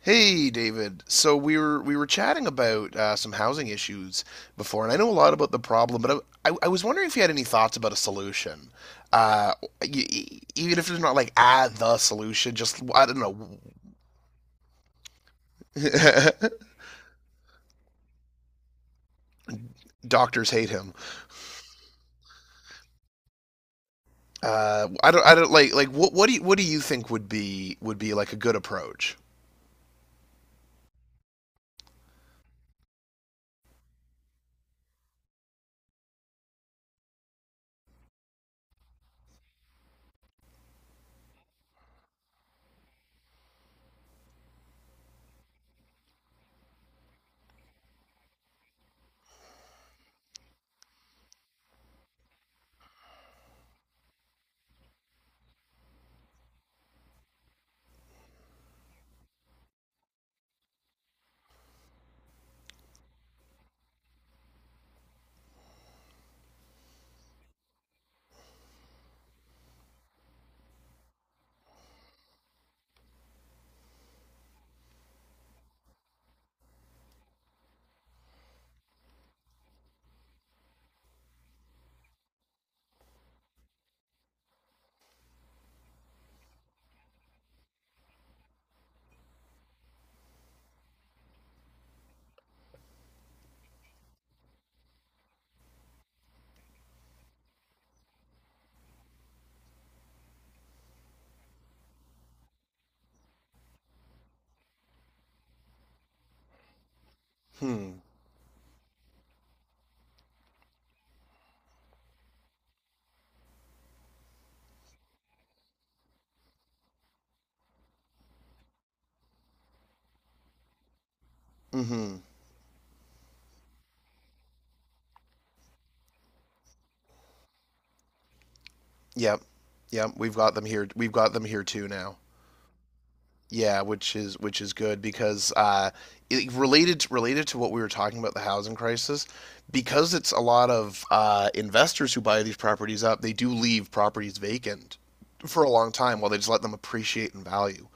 Hey, David. So we were chatting about some housing issues before, and I know a lot about the problem, but I was wondering if you had any thoughts about a solution. Uh, Even if it's not like the solution, just I don't know. Doctors hate him. I don't like what do you think would be like a good approach? Hmm. Mm-hmm. Yep. Yep, we've got them here. We've got them here too now. Yeah, which is good because it, related to what we were talking about, the housing crisis, because it's a lot of investors who buy these properties up. They do leave properties vacant for a long time while they just let them appreciate in value.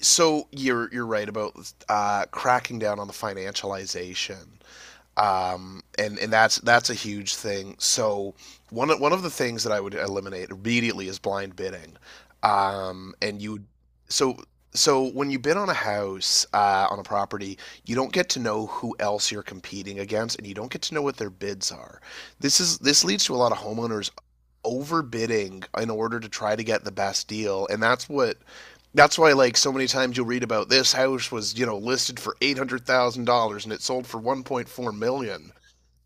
So you're right about cracking down on the financialization, and that's a huge thing. So one of the things that I would eliminate immediately is blind bidding, and you so when you bid on a house, on a property, you don't get to know who else you're competing against, and you don't get to know what their bids are. This leads to a lot of homeowners overbidding in order to try to get the best deal, and that's what that's why, like, so many times you'll read about this house was, you know, listed for $800,000 and it sold for 1.4 million dollars,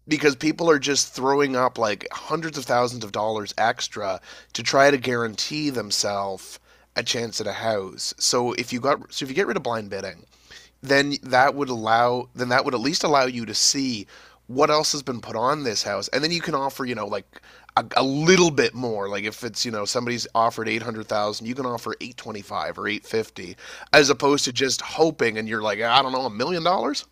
because people are just throwing up like hundreds of thousands of dollars extra to try to guarantee themselves a chance at a house. So if you get rid of blind bidding, then that would at least allow you to see what else has been put on this house, and then you can offer, you know, like a little bit more. Like, if it's, you know, somebody's offered 800,000, you can offer 825 or 850, as opposed to just hoping and you're like, I don't know, $1 million.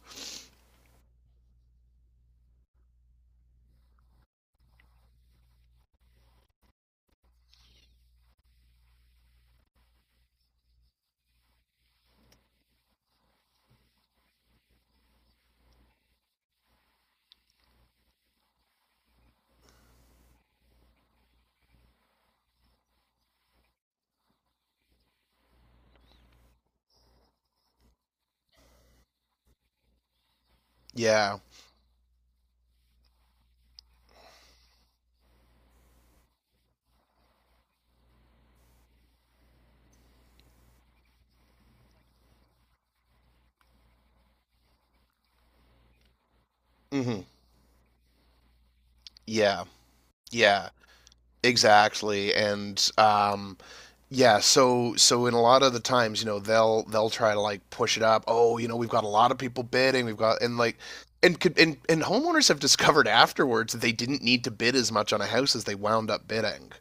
Yeah. Mhm. Yeah. yeah exactly and Yeah, so, so in a lot of the times, you know, they'll try to like push it up. Oh, you know, we've got a lot of people bidding. We've got, and like and homeowners have discovered afterwards that they didn't need to bid as much on a house as they wound up bidding.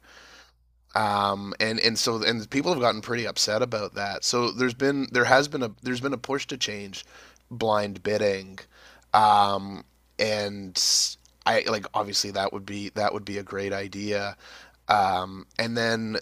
And so and people have gotten pretty upset about that. So there's been, there's been a push to change blind bidding. Um, and I, like, obviously that would be a great idea. Um, and then,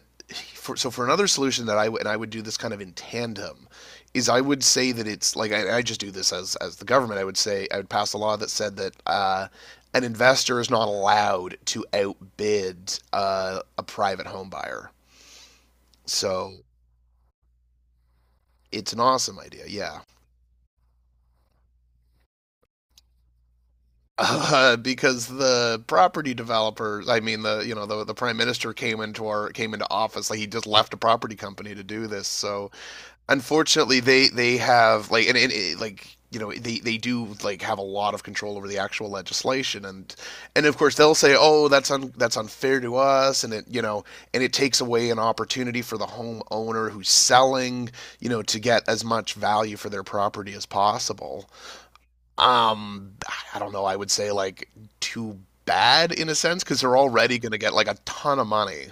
for, so for another solution that I w- and I would do this kind of in tandem, is I would say that it's like I just do this as the government. I would say I would pass a law that said that an investor is not allowed to outbid a private home buyer. So it's an awesome idea, yeah. Because the property developers, I mean, the, you know, the prime minister came into office, like he just left a property company to do this. So unfortunately they have, like, and like, you know, they do, like, have a lot of control over the actual legislation. And of course they'll say, oh, that's unfair to us, and it, you know, and it takes away an opportunity for the homeowner who's selling, you know, to get as much value for their property as possible. um I don't know, I would say, like, too bad in a sense, because they're already going to get like a ton of money.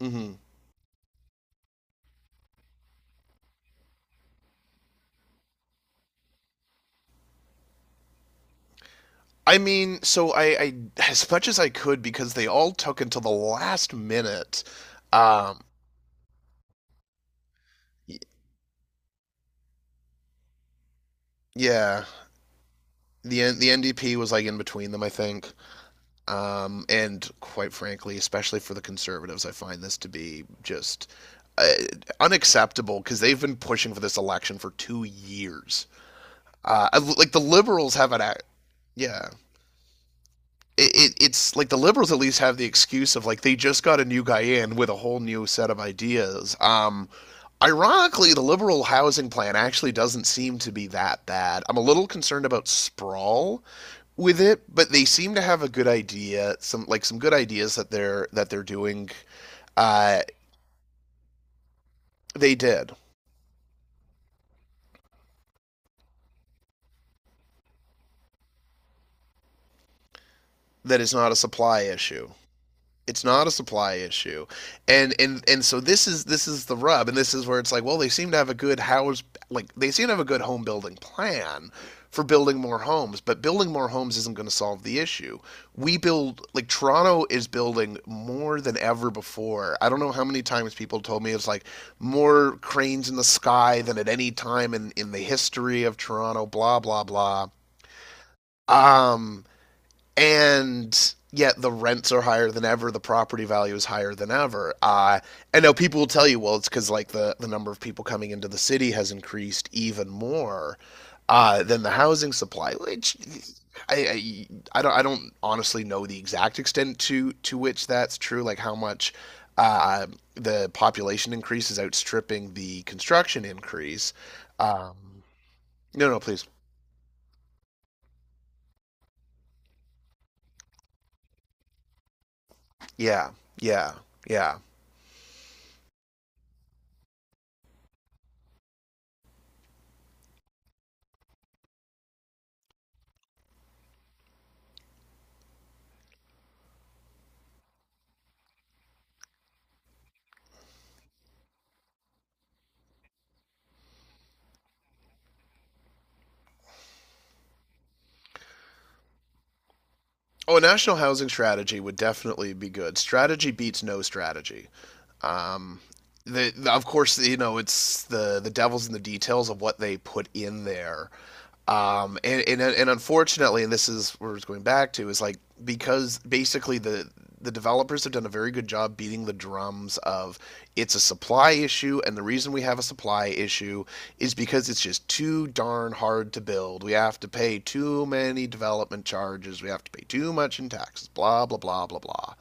Mm-hmm. I mean, so I, as much as I could, because they all took until the last minute. Um, y- yeah, the NDP was like in between them, I think. And Quite frankly, especially for the conservatives, I find this to be just uh, unacceptable, because they've been pushing for this election for 2 years. Like the liberals have an, ac- Yeah, it, it, it's like the liberals at least have the excuse of, like, they just got a new guy in with a whole new set of ideas. Ironically, the liberal housing plan actually doesn't seem to be that bad. I'm a little concerned about sprawl with it, but they seem to have a good idea, some, some good ideas that they're doing. Uh, they did, that is not a supply issue. It's not a supply issue, and so this is the rub, and this is where it's like, well, they seem to have a good home building plan for building more homes, but building more homes isn't going to solve the issue. We build, like, Toronto is building more than ever before. I don't know how many times people told me, it's like more cranes in the sky than at any time in the history of Toronto, blah blah blah. Um, and Yet the rents are higher than ever, the property value is higher than ever. I know people will tell you, well, it's because, like, the number of people coming into the city has increased even more than the housing supply, which I, I don't, honestly know the exact extent to which that's true, like how much uh, the population increase is outstripping the construction increase. um, no, no, please. Yeah. Yeah. Yeah. Oh, a national housing strategy would definitely be good. Strategy beats no strategy. Um, of course, you know, it's the devil's in the details of what they put in there. And unfortunately, and this is where it's going back to, is like, because basically the developers have done a very good job beating the drums of, it's a supply issue, and the reason we have a supply issue is because it's just too darn hard to build, we have to pay too many development charges, we have to pay too much in taxes, blah blah blah blah blah.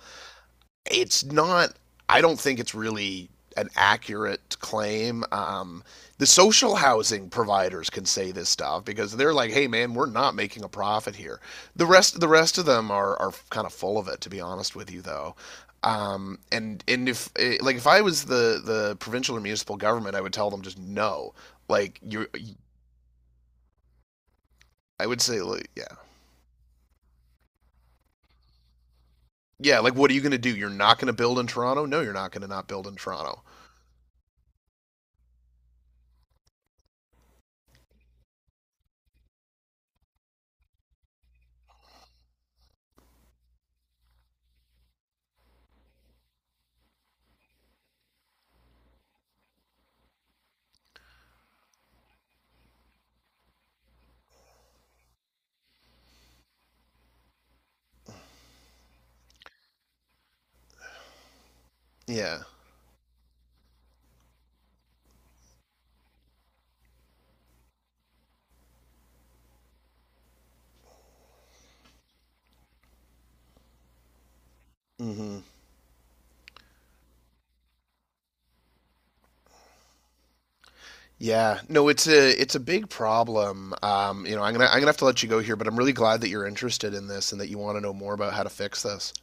It's not. I don't think it's really an accurate claim. The social housing providers can say this stuff because they're like, "Hey, man, we're not making a profit here." The rest of them are kind of full of it, to be honest with you, though. And if if I was the provincial or municipal government, I would tell them just no. Like, you, I would say, like, yeah, yeah. Like, what are you going to do? You're not going to build in Toronto? No, you're not going to not build in Toronto. Yeah. Hmm. Yeah, no, it's a big problem. You know, I'm gonna have to let you go here, but I'm really glad that you're interested in this and that you want to know more about how to fix this.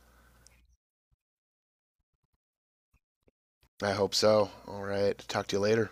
I hope so. All right, talk to you later.